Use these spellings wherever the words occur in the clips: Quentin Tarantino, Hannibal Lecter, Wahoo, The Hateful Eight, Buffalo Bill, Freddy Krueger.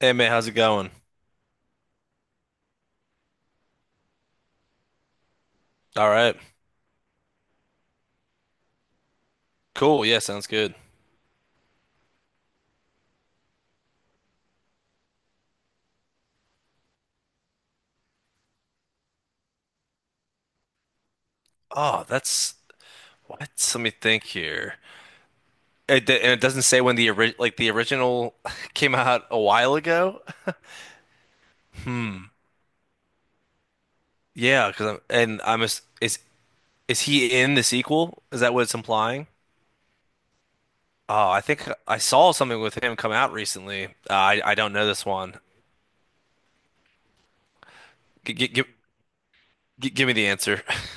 Hey man, how's it going? All right. Cool. Yeah, sounds good. Oh, that's what? Let me think here. And it doesn't say when the ori like the original came out a while ago. Yeah, 'cause I'm is he in the sequel? Is that what it's implying? Oh, I think I saw something with him come out recently. I don't know this one. G g give Give me the answer.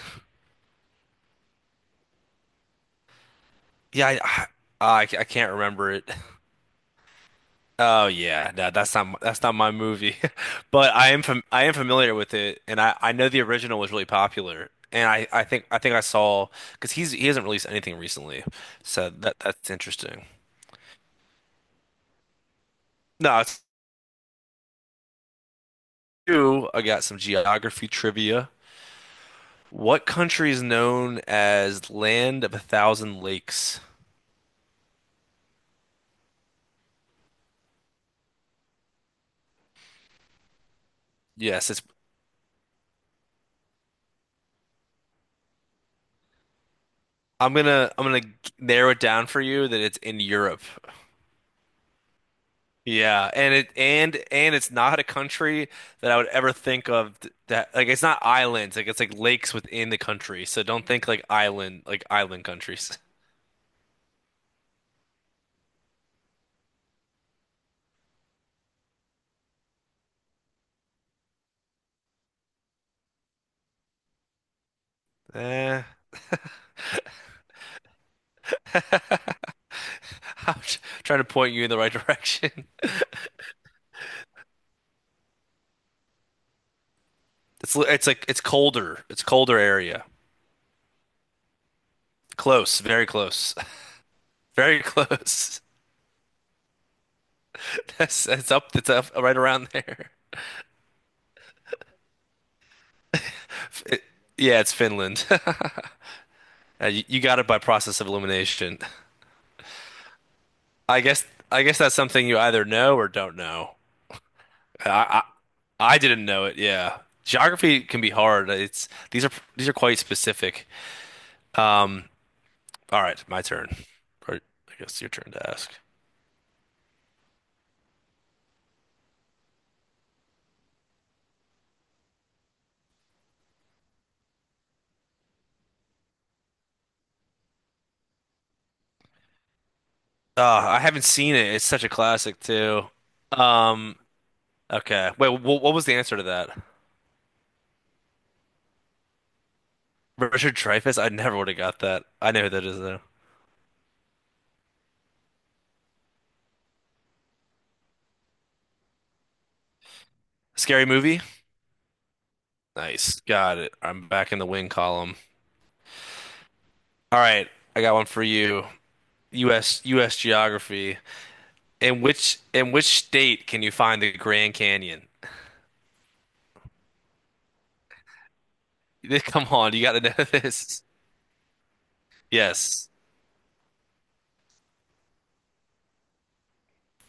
Yeah, I can't remember it. Oh yeah, no, that's not my movie, but I am familiar with it, and I know the original was really popular, and I think I think I saw because he hasn't released anything recently, so that's interesting. No, it's two. I got some geography trivia. What country is known as Land of a Thousand Lakes? Yes, it's I'm gonna narrow it down for you that it's in Europe. Yeah, and it and it's not a country that I would ever think of that, like it's not islands, like it's like lakes within the country. So don't think like island, like island countries. Eh, I'm trying to point you in the right direction. It's like it's colder. It's colder area. Close, very close. Very close. That's up right around there. It, yeah, it's Finland. You, you got it by process of elimination. I guess I guess that's something you either know or don't know. I, I didn't know it. Yeah. Geography can be hard. It's these are quite specific. Um, all right, my turn. Or I guess your turn to ask. I haven't seen it. It's such a classic too. Um, okay. Wait, wh what was the answer to that? Richard Dreyfuss? I never would have got that. I know who that is though. Scary movie? Nice. Got it. I'm back in the win column. All right, I got one for you. U.S. geography. In which state can you find the Grand Canyon? Come on, you got to know this. Yes,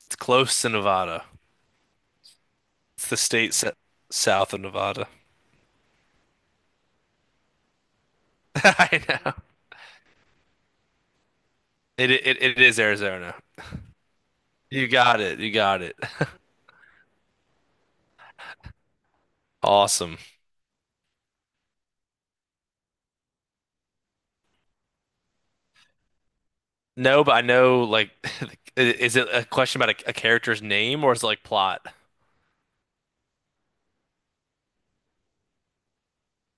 it's close to Nevada. It's the state south of Nevada. I know. It is Arizona. You got it. You got it. Awesome. No, but I know, like is it a question about a character's name, or is it like plot?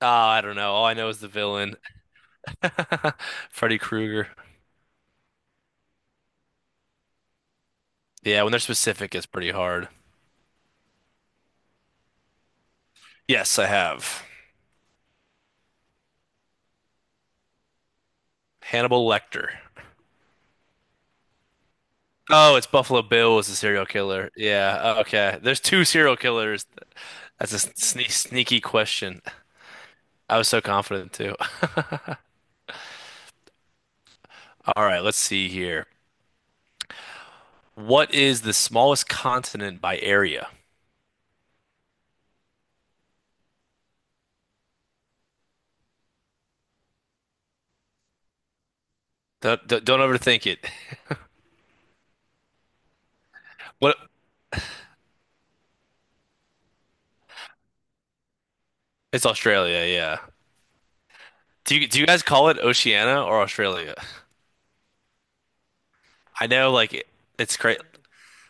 Oh, I don't know. All I know is the villain. Freddy Krueger. Yeah, when they're specific, it's pretty hard. Yes, I have. Hannibal Lecter. Oh, it's Buffalo Bill was the serial killer. Yeah, oh, okay. There's two serial killers. That's a sneaky question. I was so confident too. All right, let's see here. What is the smallest continent by area? Don't don't overthink it. What? It's Australia, yeah. Do you guys call it Oceania or Australia? I know, like it's great.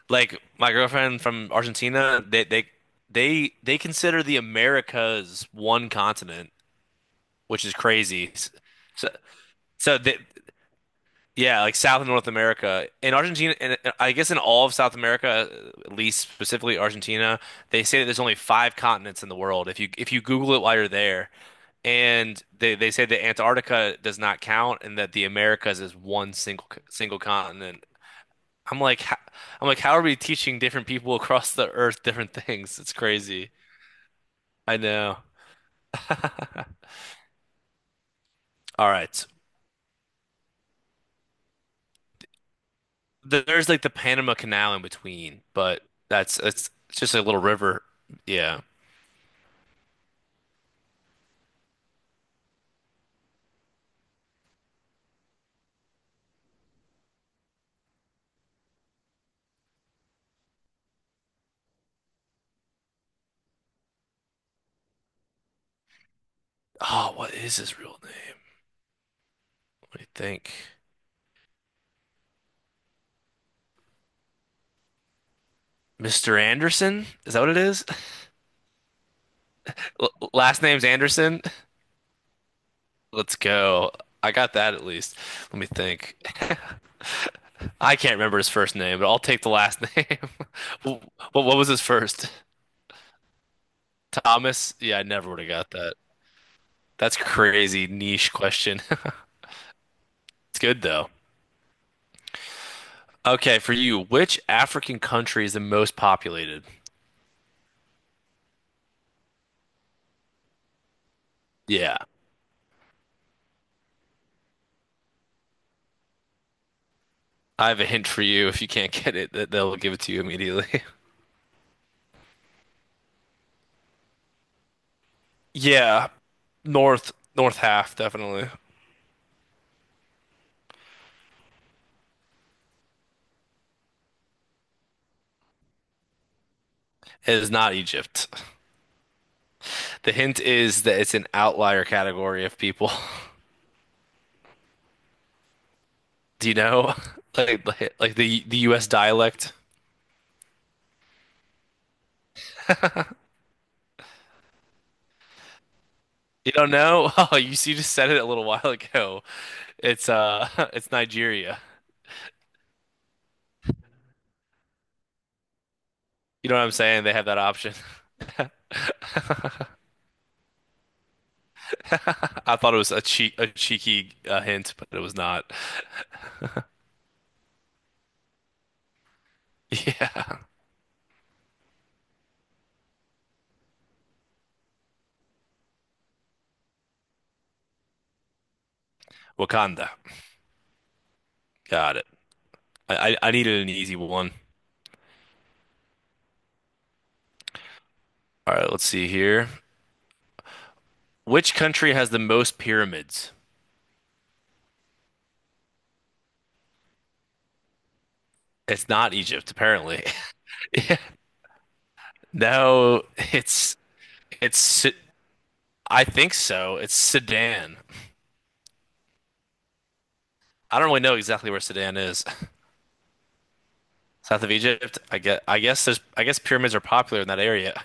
Like my girlfriend from Argentina, they consider the Americas one continent, which is crazy. So So the yeah, like South and North America in Argentina, and I guess in all of South America, at least specifically Argentina, they say that there's only five continents in the world. If you Google it while you're there, and they say that Antarctica does not count, and that the Americas is one single continent. I'm like, how, I'm like, how are we teaching different people across the earth different things? It's crazy. I know. All right, there's like the Panama Canal in between, but that's it's just a little river. Yeah. Oh, what is his real name? What do you think? Mr. Anderson? Is that what it is? L last name's Anderson? Let's go. I got that at least. Let me think. I can't remember his first name, but I'll take the last name. What, what was his first? Thomas? Yeah, I never would have got that. That's crazy niche question. It's good though. Okay, for you, which African country is the most populated? Yeah. I have a hint for you. If you can't get it, they'll give it to you immediately. Yeah, north half definitely. It is not Egypt. The hint is that it's an outlier category of people. Do you know? Like the US dialect. You don't know? Oh, you just said it a little while ago. It's it's Nigeria. You know what I'm saying? They have that option. I thought it was a cheeky hint, but it was not. Yeah. Wakanda. Got it. I needed an easy one. All right, let's see here. Which country has the most pyramids? It's not Egypt, apparently. Yeah. No, it's it's I think so. It's Sudan. I don't really know exactly where Sudan is. South of Egypt. I guess pyramids are popular in that area.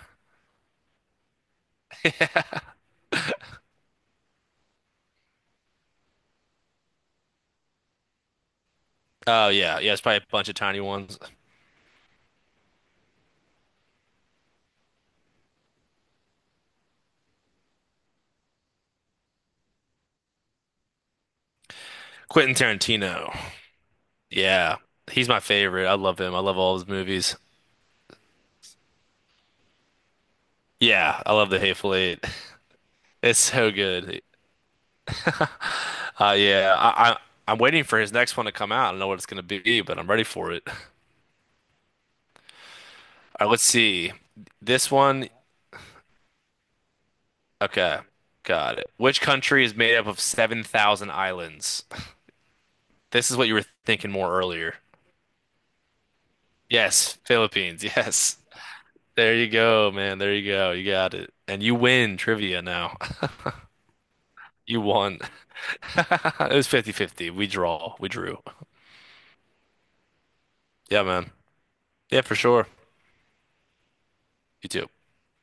Oh yeah, yeah, it's probably a bunch of tiny ones. Quentin Tarantino. Yeah. He's my favorite. I love him. I love all his movies. Yeah, I love The Hateful Eight. It's so good. Yeah, I'm waiting for his next one to come out. I don't know what it's gonna be, but I'm ready for it. All right, let's see. This one, okay, got it. Which country is made up of 7,000 islands? This is what you were thinking more earlier. Yes, Philippines. Yes. There you go, man. There you go. You got it. And you win trivia now. You won. It was fifty-fifty. We draw. We drew. Yeah, man. Yeah, for sure. You too.